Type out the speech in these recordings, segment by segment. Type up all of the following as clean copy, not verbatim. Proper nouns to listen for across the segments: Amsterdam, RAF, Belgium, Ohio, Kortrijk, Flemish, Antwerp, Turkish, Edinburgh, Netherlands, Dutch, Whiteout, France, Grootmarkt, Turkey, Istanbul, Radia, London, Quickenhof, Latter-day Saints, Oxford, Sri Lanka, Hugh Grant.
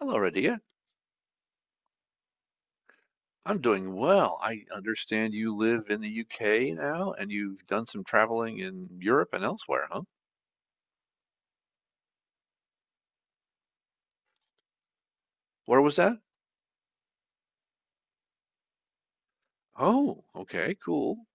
Hello, Radia. I'm doing well. I understand you live in the UK now and you've done some traveling in Europe and elsewhere, huh? Where was that? Oh, okay, cool.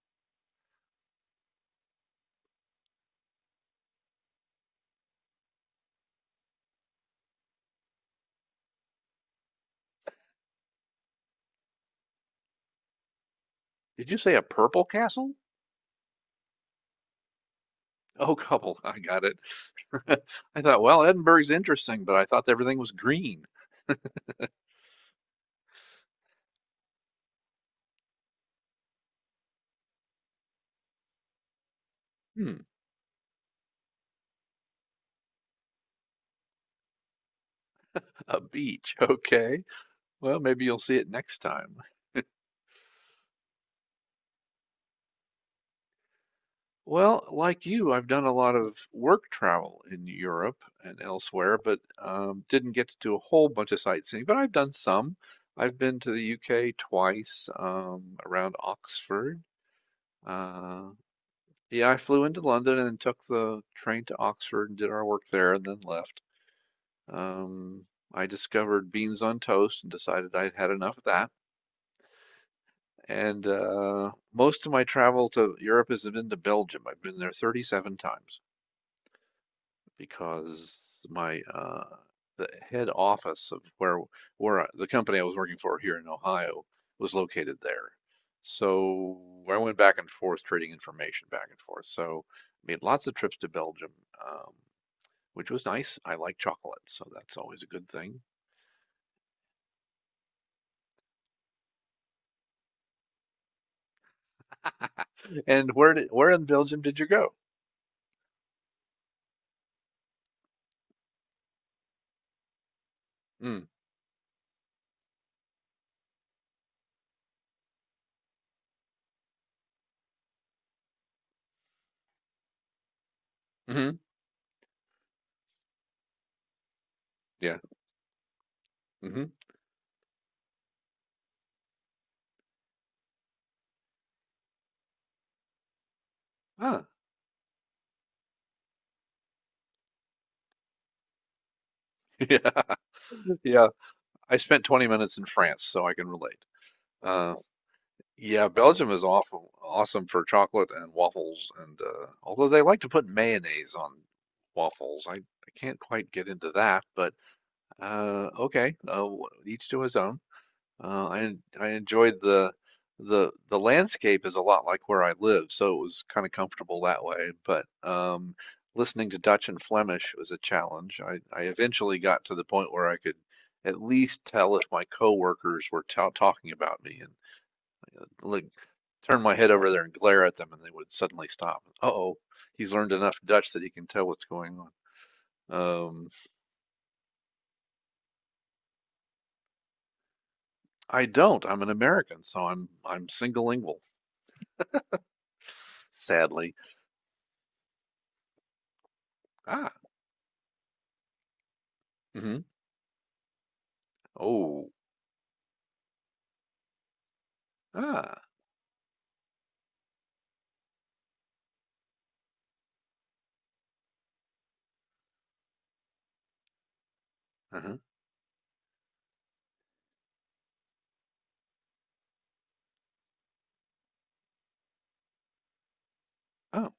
Did you say a purple castle? Oh, couple, I got it. I thought, well, Edinburgh's interesting, but I thought everything was green. Hmm, a beach. Okay. Well, maybe you'll see it next time. Well, like you, I've done a lot of work travel in Europe and elsewhere, but didn't get to do a whole bunch of sightseeing. But I've done some. I've been to the UK twice, around Oxford. Uh, yeah, I flew into London and took the train to Oxford and did our work there and then left. Um, I discovered beans on toast and decided I'd had enough of that. And most of my travel to Europe has been to Belgium. I've been there 37 times, because my the head office of where the company I was working for here in Ohio was located there. So I went back and forth trading information back and forth. So I made lots of trips to Belgium, um, which was nice. I like chocolate, so that's always a good thing. And where in Belgium did you go? Mm, hmm, yeah, hmm, ah, yeah, yeah. I spent 20 minutes in France, so I can relate. Um, Yeah, Belgium is awesome for chocolate and waffles, and although they like to put mayonnaise on waffles, I can't quite get into that. But okay, each to his own. I enjoyed the the landscape is a lot like where I live, so it was kind of comfortable that way. But listening to Dutch and Flemish was a challenge. I eventually got to the point where I could at least tell if my coworkers were ta talking about me. And. Like turn my head over there and glare at them, and they would suddenly stop. Uh-oh, he's learned enough Dutch that he can tell what's going on. Um, I don't. I'm an American, so I'm single lingual, sadly. Ah, mm-hmm. Oh, ah, uh-huh, oh,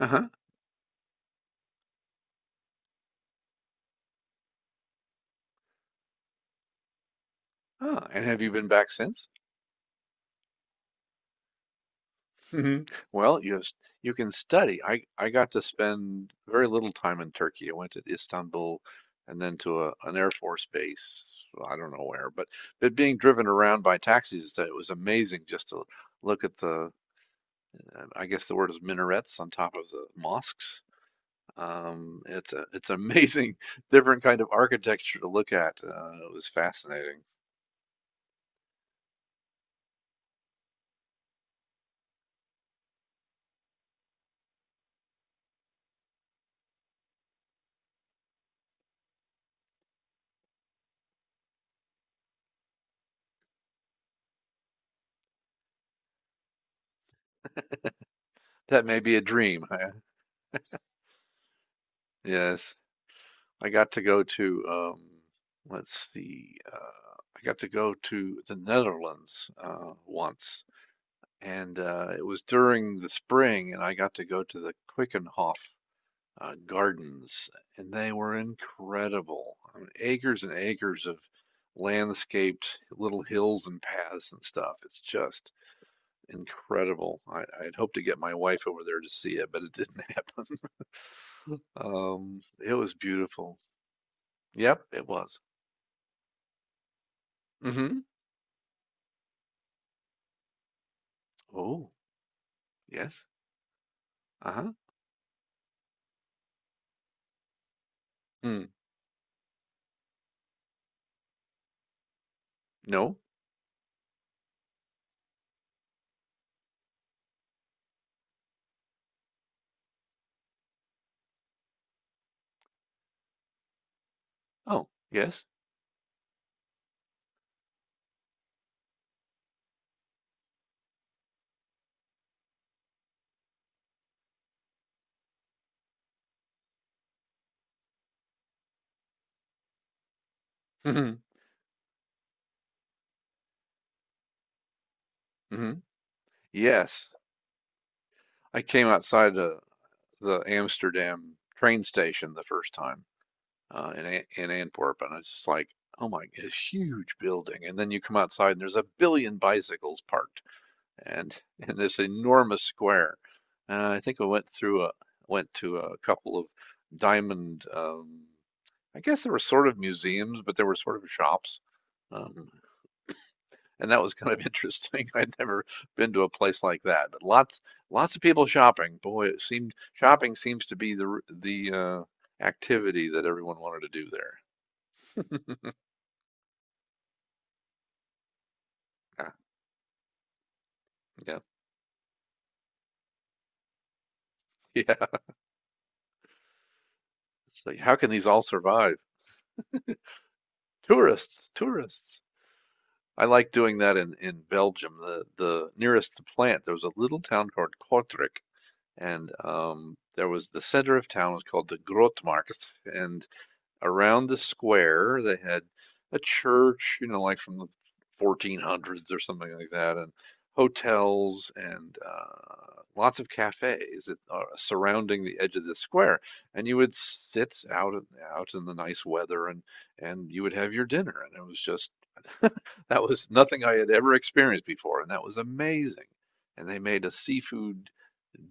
uh-huh, ah. And have you been back since? Hmm. Well, you can study. I got to spend very little time in Turkey. I went to Istanbul and then to a, an Air Force base. Well, I don't know where, but being driven around by taxis, it was amazing just to look at the, I guess the word is minarets on top of the mosques. It's amazing, different kind of architecture to look at. It was fascinating. That may be a dream. Yes. I got to go to let's see, I got to go to the Netherlands once, and it was during the spring, and I got to go to the Quickenhof Gardens, and they were incredible. I mean, acres and acres of landscaped little hills and paths and stuff. It's just incredible. I'd hoped to get my wife over there to see it, but it didn't happen. It was beautiful. Yep, it was. Hmm. Oh, yes. Uh-huh. Hmm. No. Oh, yes. Mhm. Mhm. Yes. I came outside the Amsterdam train station the first time, in Antwerp, and I was just like, oh my, this huge building. And then you come outside, and there's a billion bicycles parked, and in this enormous square. And I think I went through a went to a couple of diamond, I guess there were sort of museums, but there were sort of shops. Um, and that was kind of interesting. I'd never been to a place like that, but lots of people shopping. Boy, it seemed shopping seems to be the activity that everyone wanted to do there. Yeah, yeah, yeah. It's like, how can these all survive? Tourists, tourists. I like doing that in Belgium. The nearest plant there was a little town called Kortrijk, and the center of town was called the Grootmarkt, and around the square they had a church, you know, like from the 1400s or something like that, and hotels and lots of cafes that surrounding the edge of the square. And you would sit out and out in the nice weather, and you would have your dinner. And it was just that was nothing I had ever experienced before, and that was amazing. And they made a seafood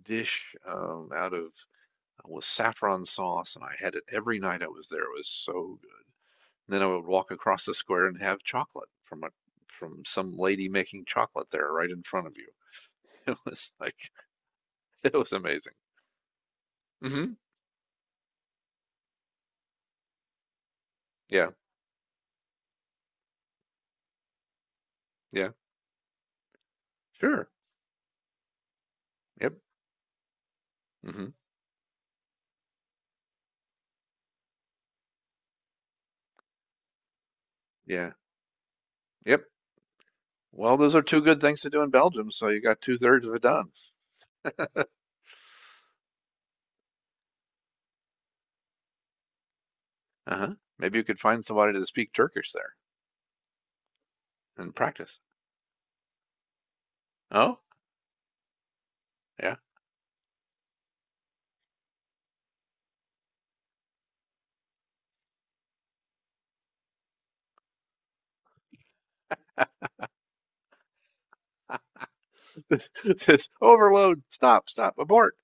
dish, out of with saffron sauce, and I had it every night I was there. It was so then I would walk across the square and have chocolate from a from some lady making chocolate there right in front of you. It was like it was amazing. Hmm. Yeah. Yeah. Sure. Yep. Hmm. Yeah. Yep. Well, those are two good things to do in Belgium, so you got two-thirds of it done. Uh-huh. Maybe you could find somebody to speak Turkish there and practice. Oh, yeah. This, this overload. Stop, stop, abort.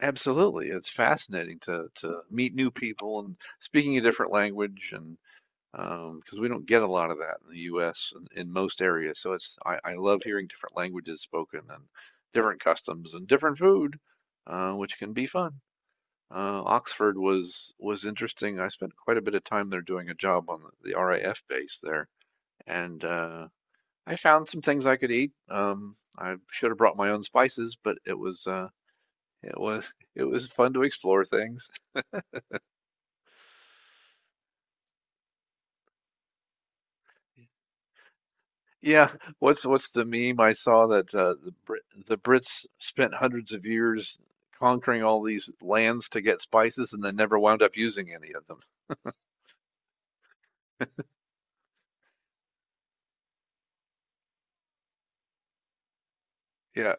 Absolutely. It's fascinating to meet new people and speaking a different language, and because we don't get a lot of that in the U.S. In most areas. So it's I love hearing different languages spoken and different customs and different food, which can be fun. Oxford was interesting. I spent quite a bit of time there doing a job on the RAF base there, and I found some things I could eat. I should have brought my own spices, but it was it was it was fun to explore things. Yeah, what's the meme I saw that the Brits spent hundreds of years conquering all these lands to get spices and then never wound up using any of them. Yeah,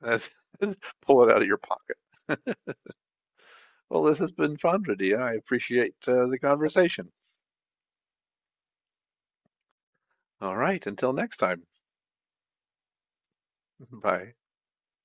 that's, pull it out of your pocket. Well, this has been fun, Radia. I appreciate the conversation. All right, until next time. Bye.